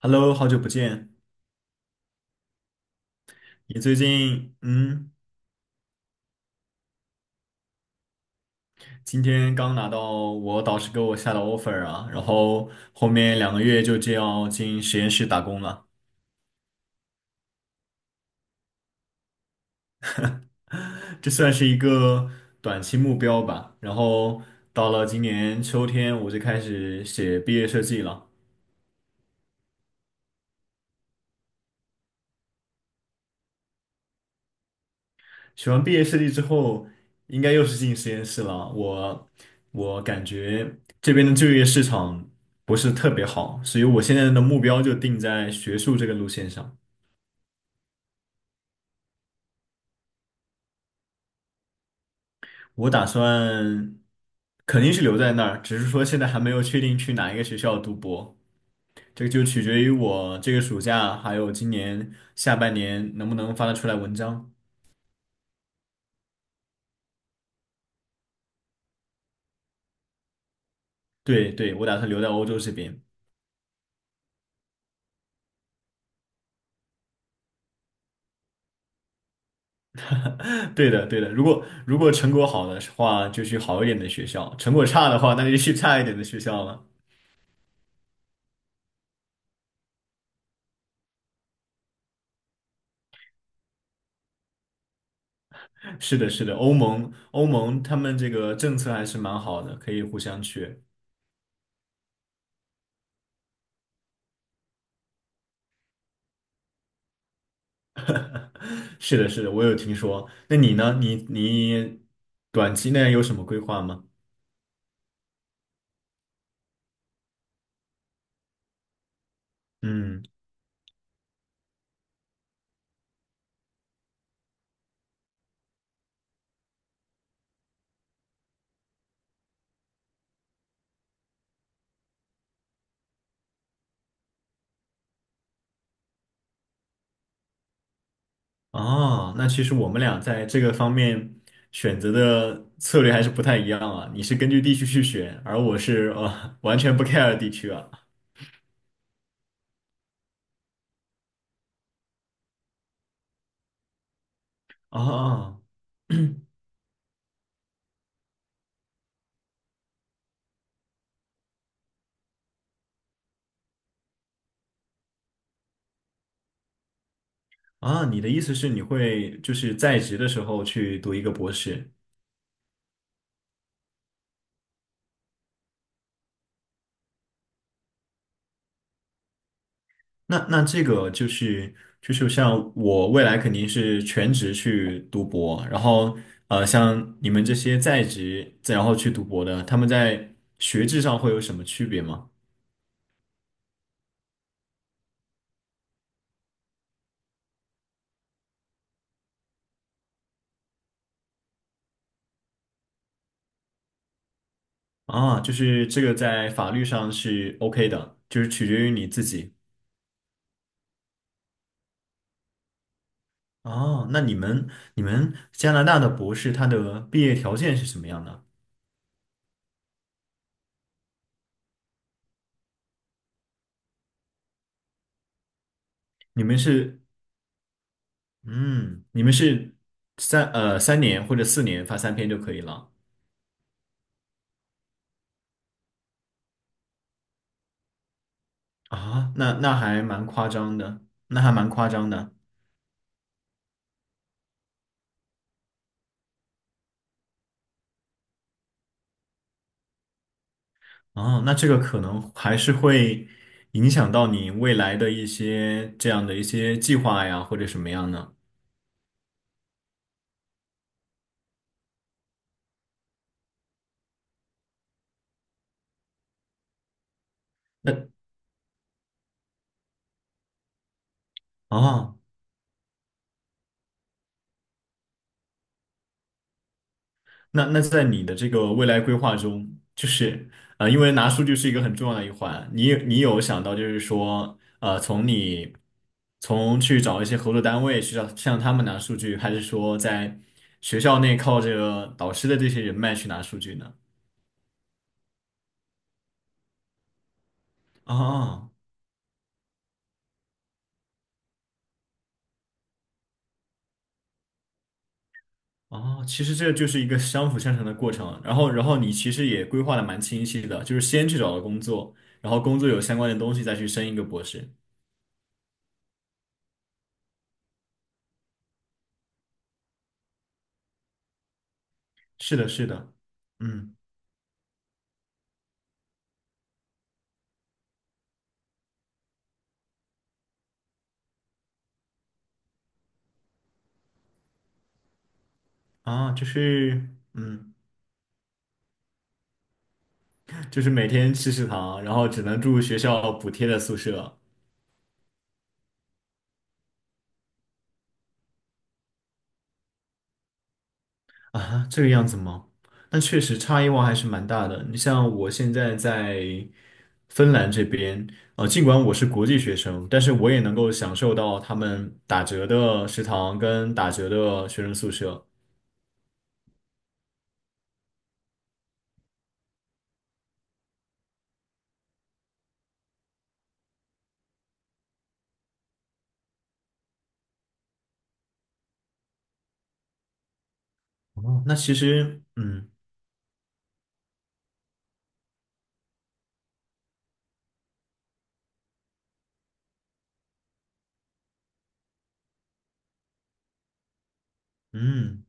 Hello，好久不见。你最近，今天刚拿到我导师给我下的 offer 啊，然后后面2个月就这样进实验室打工了，这算是一个短期目标吧。然后到了今年秋天，我就开始写毕业设计了。写完毕业设计之后，应该又是进实验室了。我感觉这边的就业市场不是特别好，所以我现在的目标就定在学术这个路线上。我打算肯定是留在那儿，只是说现在还没有确定去哪一个学校读博，这个就取决于我这个暑假还有今年下半年能不能发得出来文章。对对，我打算留在欧洲这边。对的对的，如果成果好的话，就去好一点的学校；成果差的话，那就去差一点的学校了。是的，是的，欧盟他们这个政策还是蛮好的，可以互相去。是的，是的，我有听说。那你呢？你短期内有什么规划吗？嗯，哦，那其实我们俩在这个方面选择的策略还是不太一样啊。你是根据地区去选，而我是完全不 care 地区啊。哦啊，哦你的意思是你会就是在职的时候去读一个博士？那这个就是像我未来肯定是全职去读博，然后像你们这些在职再然后去读博的，他们在学制上会有什么区别吗？啊，就是这个在法律上是 OK 的，就是取决于你自己。哦，那你们加拿大的博士他的毕业条件是什么样的？你们是嗯，你们是3年或者4年发3篇就可以了。啊，那还蛮夸张的，那还蛮夸张的。哦，那这个可能还是会影响到你未来的一些这样的一些计划呀，或者什么样呢？那啊，那那在你的这个未来规划中，就是因为拿数据是一个很重要的一环，你有想到就是说，从去找一些合作单位去找向他们拿数据，还是说在学校内靠这个导师的这些人脉去拿数据呢？啊。哦，其实这就是一个相辅相成的过程。然后你其实也规划的蛮清晰的，就是先去找了工作，然后工作有相关的东西再去升一个博士。是的，是的，嗯，啊，就是嗯，就是每天吃食堂，然后只能住学校补贴的宿舍，啊，这个样子吗？那确实差异化还是蛮大的。你像我现在在芬兰这边，尽管我是国际学生，但是我也能够享受到他们打折的食堂跟打折的学生宿舍。哦，那其实，嗯，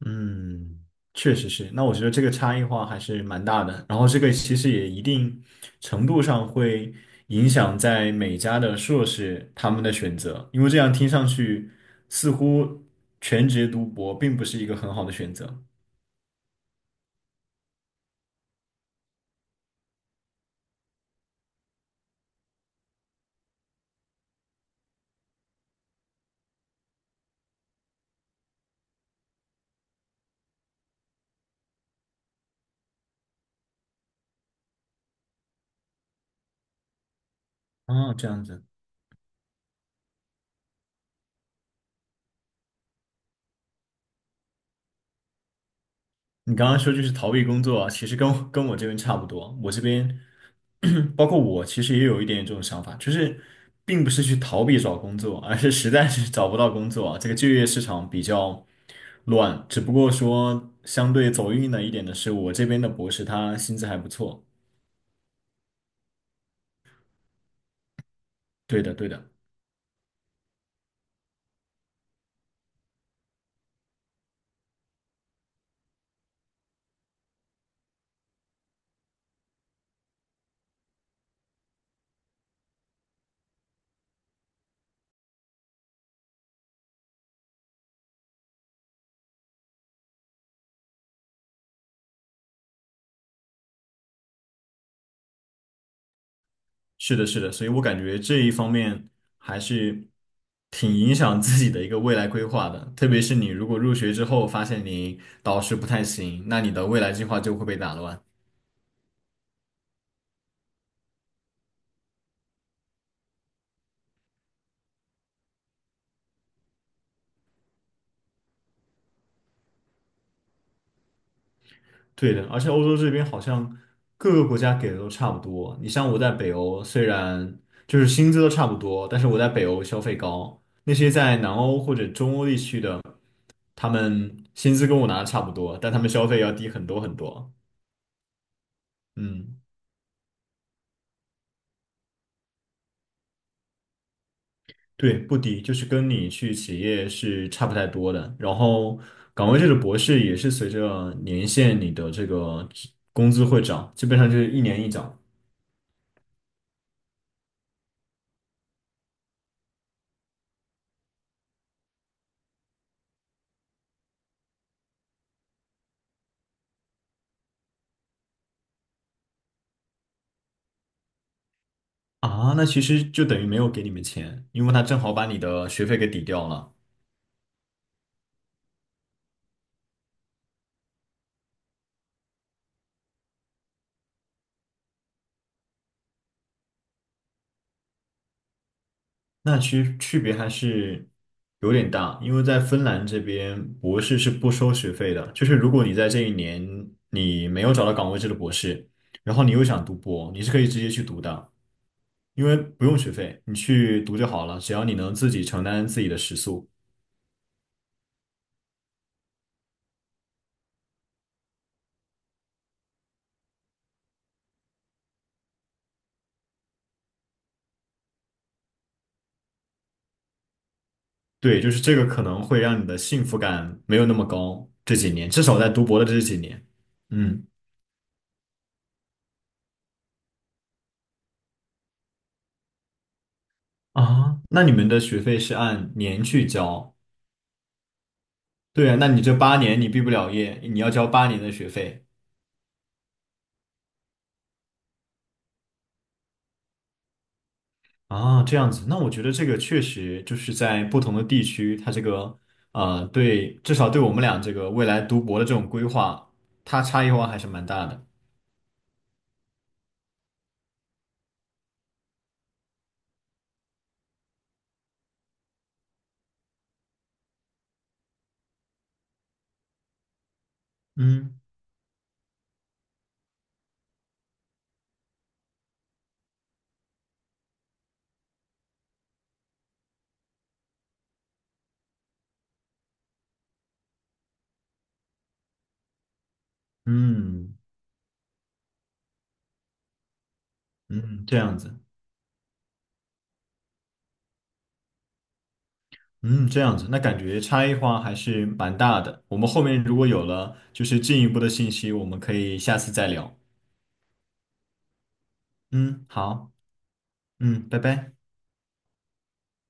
嗯，确实是。那我觉得这个差异化还是蛮大的，然后这个其实也一定程度上会影响在每家的硕士他们的选择，因为这样听上去似乎全职读博并不是一个很好的选择。哦，这样子。你刚刚说就是逃避工作啊，其实跟我这边差不多。我这边，包括我，其实也有一点这种想法，就是并不是去逃避找工作，而是实在是找不到工作啊。这个就业市场比较乱，只不过说相对走运了一点的是，我这边的博士他薪资还不错。对的，对的。是的，是的，所以我感觉这一方面还是挺影响自己的一个未来规划的，特别是你如果入学之后发现你导师不太行，那你的未来计划就会被打乱。对的，而且欧洲这边好像各个国家给的都差不多。你像我在北欧，虽然就是薪资都差不多，但是我在北欧消费高，那些在南欧或者中欧地区的，他们薪资跟我拿的差不多，但他们消费要低很多很多。嗯。对，不低，就是跟你去企业是差不太多的。然后，岗位制的博士也是随着年限，你的这个工资会涨，基本上就是一年一涨啊。那其实就等于没有给你们钱，因为他正好把你的学费给抵掉了。那其实区别还是有点大，因为在芬兰这边博士是不收学费的，就是如果你在这一年你没有找到岗位制的博士，然后你又想读博，你是可以直接去读的。因为不用学费，你去读就好了，只要你能自己承担自己的食宿。对，就是这个可能会让你的幸福感没有那么高，这几年，至少在读博的这几年。嗯那你们的学费是按年去交？对啊，那你这八年你毕不了业，你要交八年的学费。啊，这样子。那我觉得这个确实就是在不同的地区，它这个对，至少对我们俩这个未来读博的这种规划，它差异化还是蛮大的。嗯嗯。嗯，这样子，嗯，这样子，那感觉差异化还是蛮大的。我们后面如果有了就是进一步的信息，我们可以下次再聊。嗯，好，嗯，拜拜。